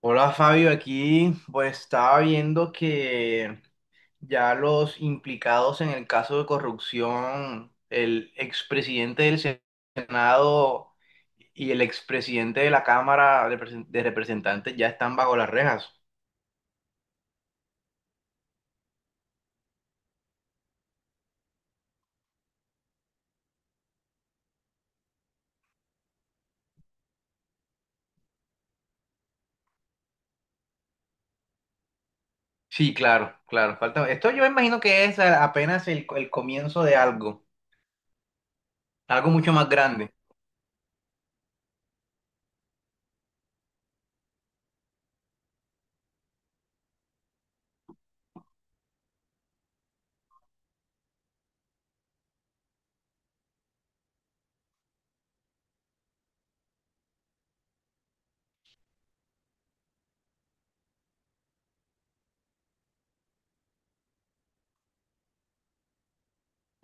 Hola Fabio, aquí pues estaba viendo que ya los implicados en el caso de corrupción, el expresidente del Senado y el expresidente de la Cámara de Representantes ya están bajo las rejas. Sí, claro, claro, falta. Esto yo imagino que es apenas el comienzo de algo, algo mucho más grande.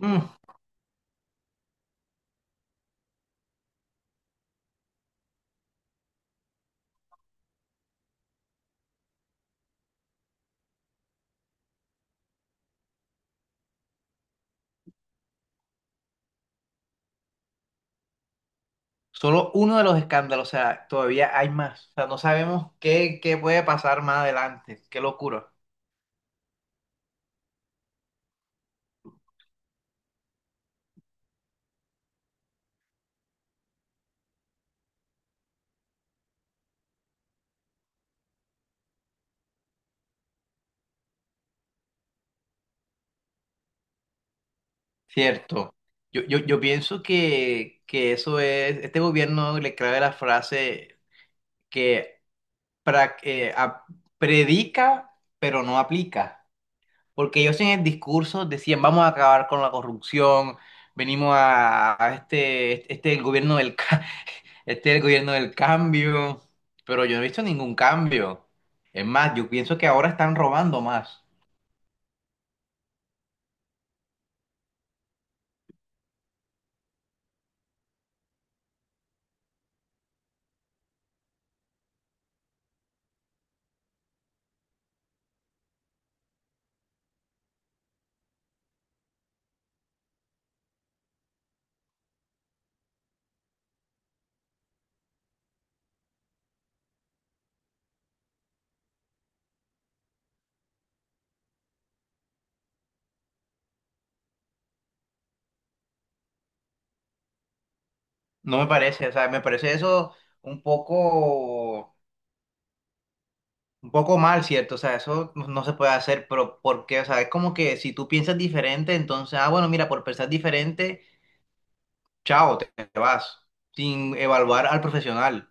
Mm, solo uno de los escándalos, o sea, todavía hay más. O sea, no sabemos qué puede pasar más adelante. Qué locura. Cierto. Yo pienso que eso es, este gobierno le clave la frase que pra- eh, a- predica pero no aplica. Porque ellos en el discurso decían vamos a acabar con la corrupción, venimos a este, este es el gobierno del, este es el gobierno del cambio, pero yo no he visto ningún cambio. Es más, yo pienso que ahora están robando más. No me parece, o sea, me parece eso un poco... Un poco mal, ¿cierto? O sea, eso no se puede hacer, pero ¿por qué? O sea, es como que si tú piensas diferente, entonces, ah, bueno, mira, por pensar diferente, chao, te vas, sin evaluar al profesional.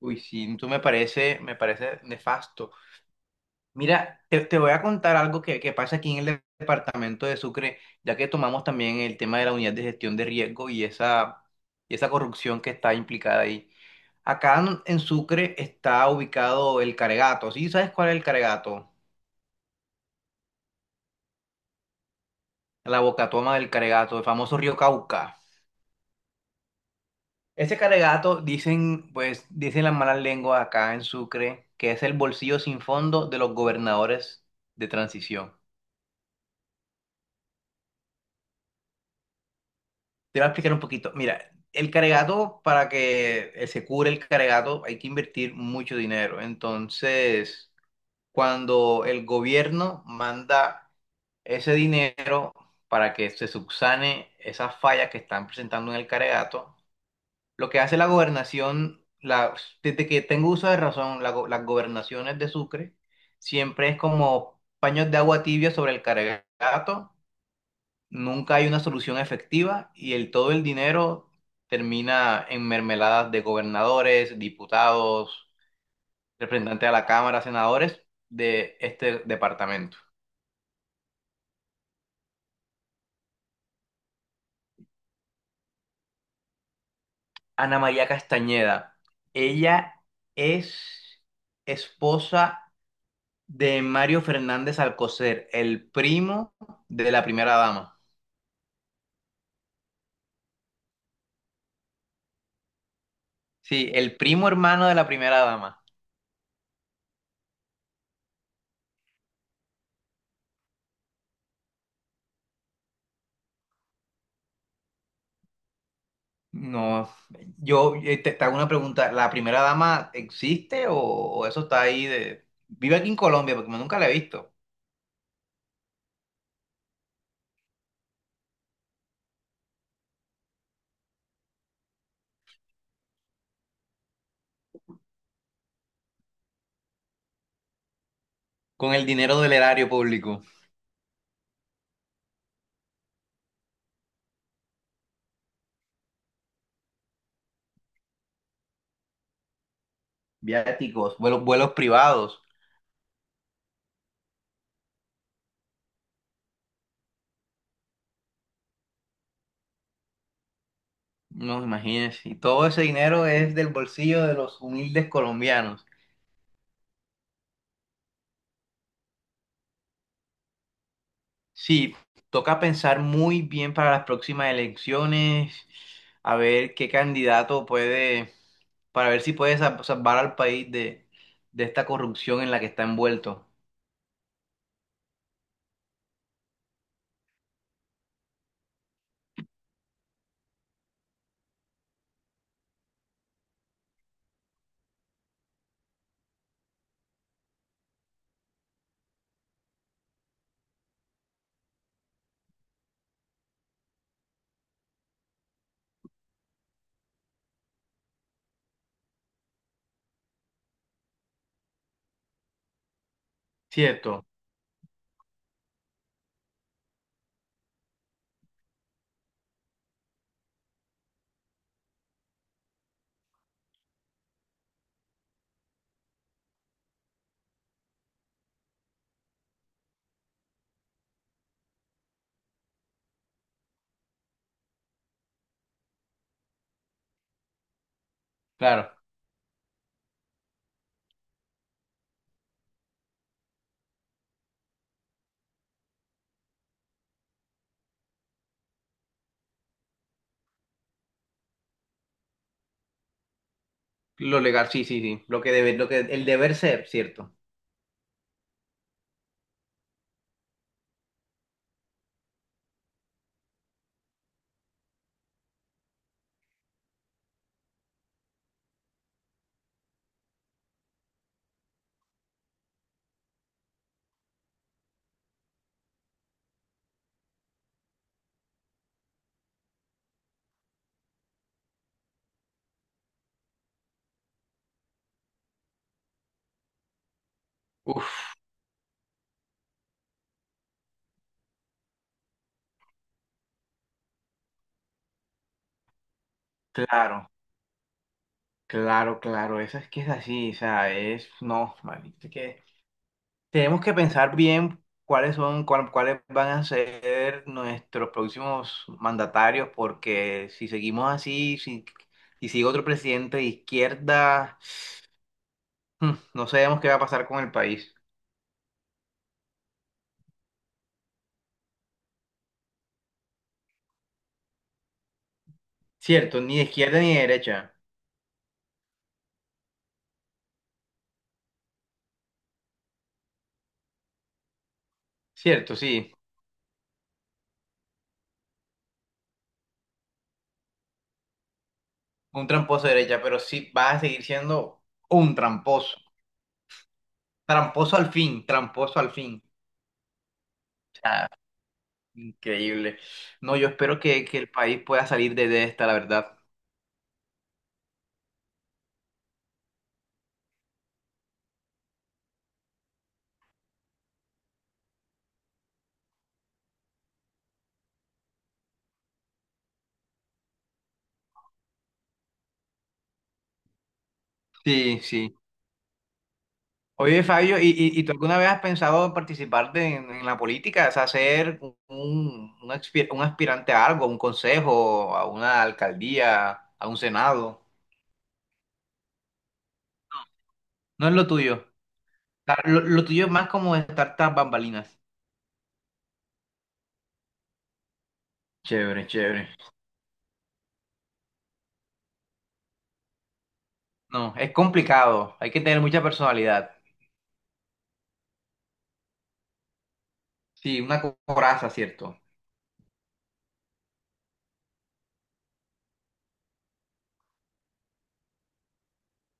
Uy, sí, tú me parece nefasto. Mira, te voy a contar algo que pasa aquí en el departamento de Sucre, ya que tomamos también el tema de la unidad de gestión de riesgo y esa corrupción que está implicada ahí. Acá en Sucre está ubicado el Caregato, ¿sí? ¿Sabes cuál es el Caregato? La Bocatoma del Caregato, el famoso río Cauca. Ese Caregato, dicen, pues, dicen las malas lenguas acá en Sucre, que es el bolsillo sin fondo de los gobernadores de transición. Te voy a explicar un poquito. Mira, el Caregato, para que se cure el Caregato, hay que invertir mucho dinero. Entonces, cuando el gobierno manda ese dinero para que se subsane esas fallas que están presentando en el Caregato, lo que hace la gobernación, la, desde que tengo uso de razón, las gobernaciones de Sucre siempre es como paños de agua tibia sobre el cargato, nunca hay una solución efectiva y el, todo el dinero termina en mermeladas de gobernadores, diputados, representantes a la Cámara, senadores de este departamento. Ana María Castañeda, ella es esposa de Mario Fernández Alcocer, el primo de la primera dama. Sí, el primo hermano de la primera dama. No, yo te hago una pregunta, ¿la primera dama existe o eso está ahí de... Vive aquí en Colombia porque yo nunca la he visto. Con el dinero del erario público, viáticos, vuelos, vuelos privados. No, imagínense. Y todo ese dinero es del bolsillo de los humildes colombianos. Sí, toca pensar muy bien para las próximas elecciones, a ver qué candidato puede, para ver si puede salvar al país de esta corrupción en la que está envuelto. Cierto, claro. Lo legal, sí, sí, sí. Lo que debe, lo que, el deber ser, cierto. Uf, claro, claro, claro. Eso es que es así, o sea, es, no, maldito, tenemos que pensar bien cuáles son, cuáles van a ser nuestros próximos mandatarios, porque si seguimos así, si, si sigue otro presidente de izquierda, no sabemos qué va a pasar con el país. Cierto, ni de izquierda ni de derecha. Cierto, sí, un tramposo de derecha, pero sí va a seguir siendo un tramposo. Tramposo al fin, tramposo al fin. O sea, increíble. No, yo espero que el país pueda salir de esta, la verdad. Sí, sí. Oye, Fabio, y tú alguna vez has pensado en en la política? O sea, ser un, un aspirante a algo, a un consejo, a una alcaldía, a un senado. No es lo tuyo. O sea, lo tuyo es más como estar tras bambalinas. Chévere, chévere. No, es complicado. Hay que tener mucha personalidad. Sí, una coraza, ¿cierto?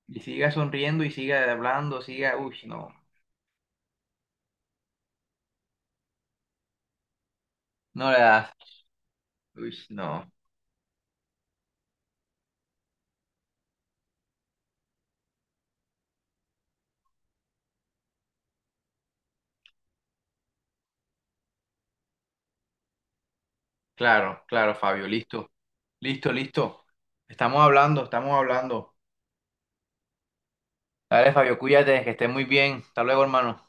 Y siga sonriendo y siga hablando, siga... Uy, no. No le das. Uy, no. Claro, claro, Fabio, listo. Listo, listo. Estamos hablando, estamos hablando. Dale, Fabio, cuídate, que estés muy bien. Hasta luego, hermano.